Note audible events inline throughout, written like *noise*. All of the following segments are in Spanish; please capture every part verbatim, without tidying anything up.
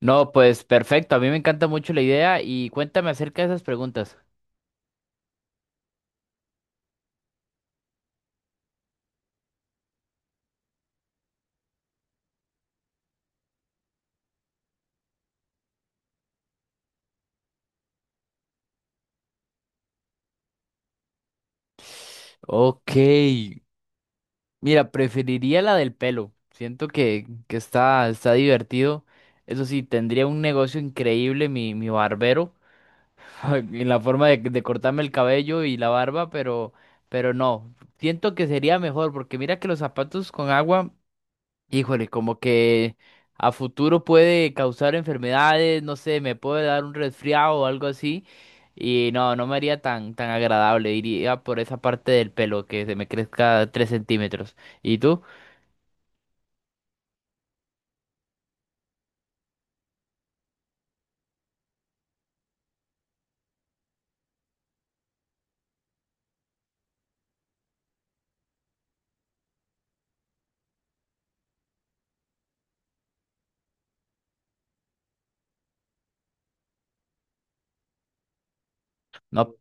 No, pues perfecto, a mí me encanta mucho la idea y cuéntame acerca de esas preguntas. Ok, mira, preferiría la del pelo. Siento que, que está, está divertido. Eso sí, tendría un negocio increíble mi, mi barbero, *laughs* en la forma de, de cortarme el cabello y la barba, pero, pero no, siento que sería mejor porque mira que los zapatos con agua. Híjole, como que a futuro puede causar enfermedades, no sé, me puede dar un resfriado o algo así. Y no, no me haría tan, tan agradable. Iría por esa parte del pelo que se me crezca tres centímetros. ¿Y tú? No,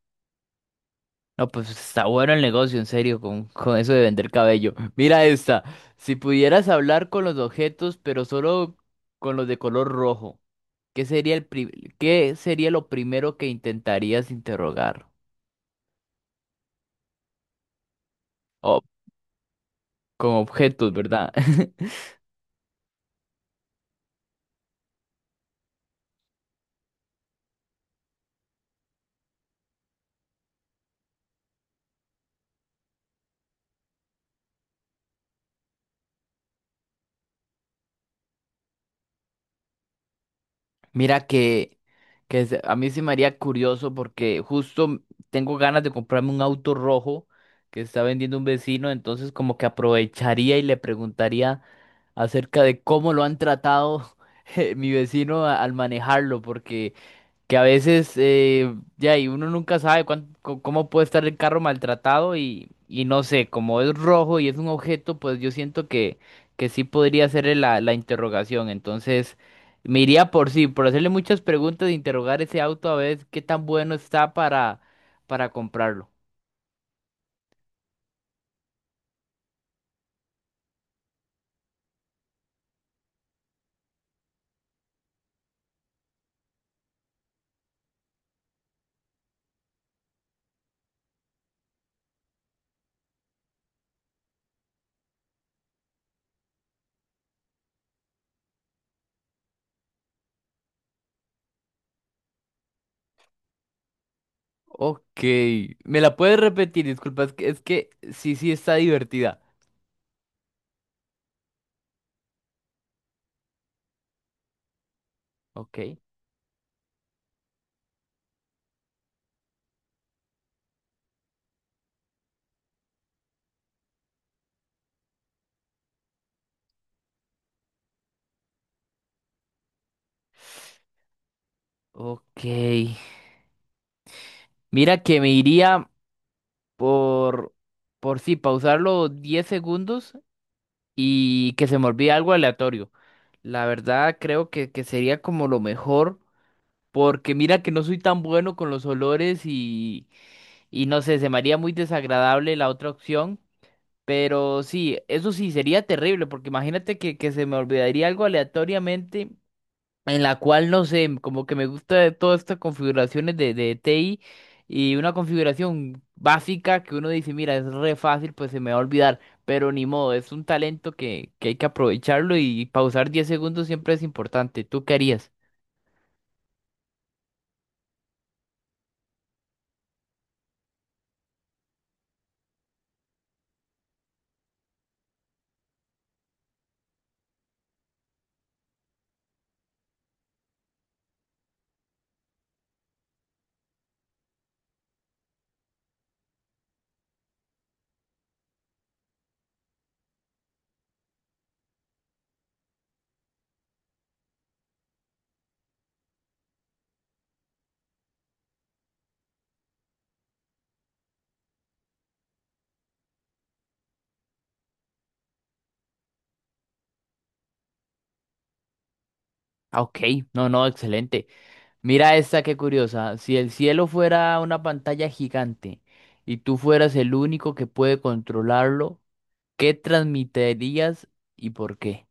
no, pues está bueno el negocio, en serio, con, con eso de vender cabello. Mira esta. Si pudieras hablar con los objetos, pero solo con los de color rojo, ¿qué sería el pri- qué sería lo primero que intentarías interrogar? O con objetos, ¿verdad? *laughs* Mira que, que se- a mí se me haría curioso porque justo tengo ganas de comprarme un auto rojo que está vendiendo un vecino, entonces como que aprovecharía y le preguntaría acerca de cómo lo han tratado, *laughs* eh, mi vecino a- al manejarlo, porque que a veces eh, ya y uno nunca sabe cuán- co- cómo puede estar el carro maltratado y, y no sé, como es rojo y es un objeto, pues yo siento que, que sí podría ser la, la interrogación. Entonces, me iría por sí, por hacerle muchas preguntas e interrogar ese auto a ver qué tan bueno está para, para comprarlo. Ok, ¿me la puedes repetir? Disculpa, es que, es que sí, sí está divertida. Ok, ok. Mira que me iría por, por sí, pausarlo diez segundos y que se me olvide algo aleatorio. La verdad creo que, que sería como lo mejor, porque mira que no soy tan bueno con los olores y, y no sé, se me haría muy desagradable la otra opción. Pero sí, eso sí sería terrible, porque imagínate que, que se me olvidaría algo aleatoriamente en la cual no sé, como que me gusta de todas estas configuraciones de, de T I y una configuración básica que uno dice, mira, es re fácil, pues se me va a olvidar, pero ni modo, es un talento que, que hay que aprovecharlo y pausar diez segundos siempre es importante. ¿Tú qué harías? Ah, ok, no, no, excelente. Mira esta, qué curiosa. Si el cielo fuera una pantalla gigante y tú fueras el único que puede controlarlo, ¿qué transmitirías y por qué?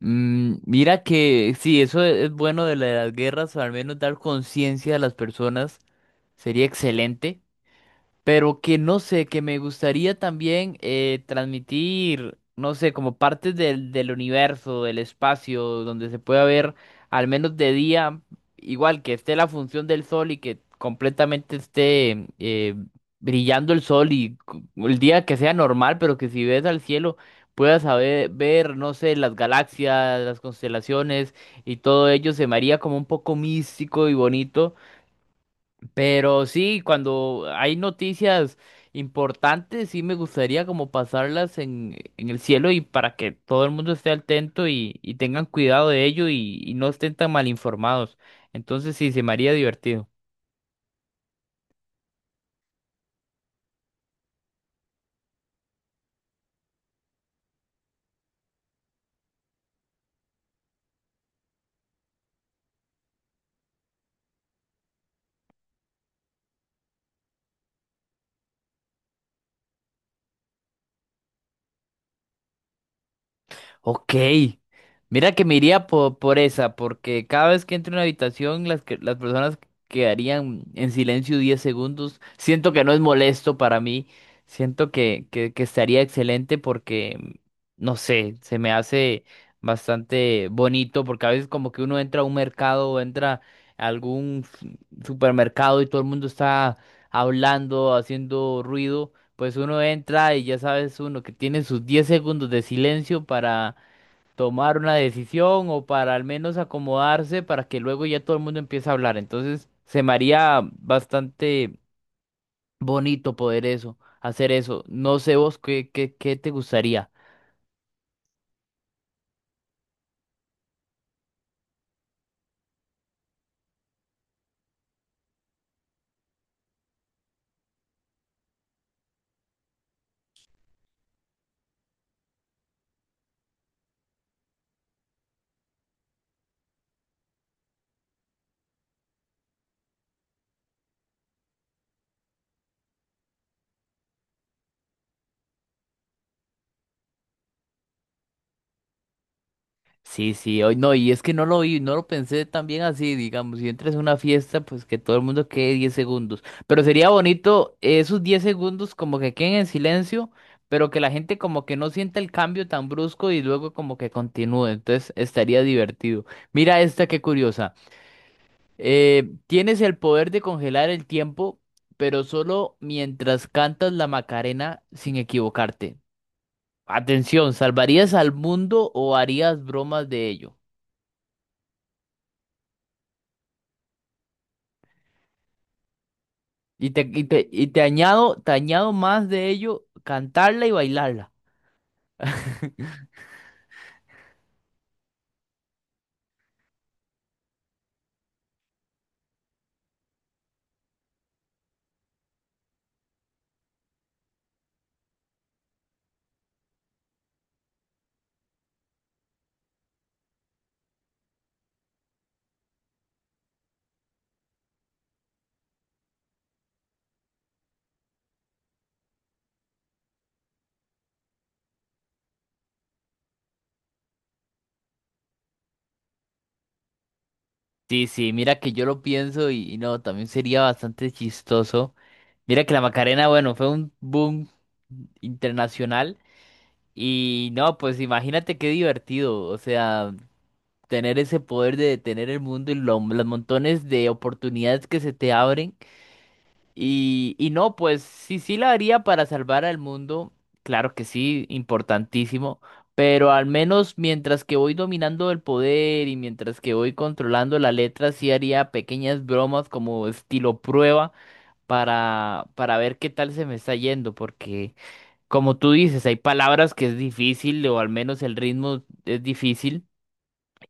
Mm, mira que sí, eso es es bueno de la- de las guerras, o al menos dar conciencia a las personas sería excelente, pero que no sé, que me gustaría también eh, transmitir, no sé, como partes del, del universo, del espacio, donde se pueda ver al menos de día, igual que esté la función del sol y que completamente esté eh, brillando el sol y cu- el día que sea normal, pero que si ves al cielo puedas saber, ver, no sé, las galaxias, las constelaciones, y todo ello se me haría como un poco místico y bonito. Pero sí, cuando hay noticias importantes, sí me gustaría como pasarlas en, en el cielo y para que todo el mundo esté atento y, y tengan cuidado de ello y, y no estén tan mal informados. Entonces sí, se me haría divertido. Ok, mira que me iría po- por, esa, porque cada vez que entro en una habitación, las, que- las personas quedarían en silencio diez segundos. Siento que no es molesto para mí, siento que, que, que estaría excelente porque, no sé, se me hace bastante bonito, porque a veces como que uno entra a un mercado o entra a algún f- supermercado y todo el mundo está hablando, haciendo ruido. Pues uno entra y ya sabes uno que tiene sus diez segundos de silencio para tomar una decisión o para al menos acomodarse para que luego ya todo el mundo empiece a hablar. Entonces se me haría bastante bonito poder eso, hacer eso. No sé vos qué, qué, qué te gustaría. Sí, sí, hoy no, y es que no lo vi, no lo pensé tan bien así, digamos, si entras a una fiesta, pues que todo el mundo quede diez segundos, pero sería bonito, eh, esos diez segundos como que queden en silencio, pero que la gente como que no sienta el cambio tan brusco y luego como que continúe, entonces estaría divertido. Mira esta, qué curiosa. Eh, tienes el poder de congelar el tiempo, pero solo mientras cantas la Macarena sin equivocarte. Atención, ¿salvarías al mundo o harías bromas de ello? Y te, y te, y te añado, te añado más de ello, cantarla y bailarla. *laughs* Sí, sí, mira que yo lo pienso y, y no, también sería bastante chistoso. Mira que la Macarena, bueno, fue un boom internacional y no, pues imagínate qué divertido, o sea, tener ese poder de detener el mundo y lo- los montones de oportunidades que se te abren. Y, y no, pues sí, sí la haría para salvar al mundo, claro que sí, importantísimo, pero al menos mientras que voy dominando el poder y mientras que voy controlando la letra, sí haría pequeñas bromas como estilo prueba para, para ver qué tal se me está yendo, porque como tú dices, hay palabras que es difícil o al menos el ritmo es difícil.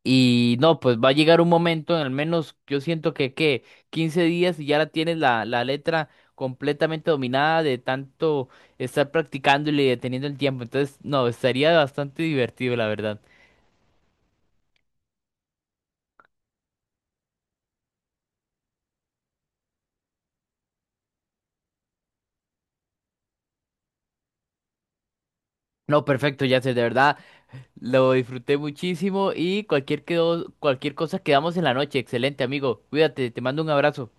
Y no, pues va a llegar un momento, en al menos yo siento que, que quince días y ya la tienes la, la letra completamente dominada de tanto estar practicándole y deteniendo el tiempo. Entonces, no, estaría bastante divertido, la verdad. No, perfecto, ya sé, de verdad, lo disfruté muchísimo y cualquier, quedo, cualquier cosa quedamos en la noche. Excelente, amigo. Cuídate, te mando un abrazo.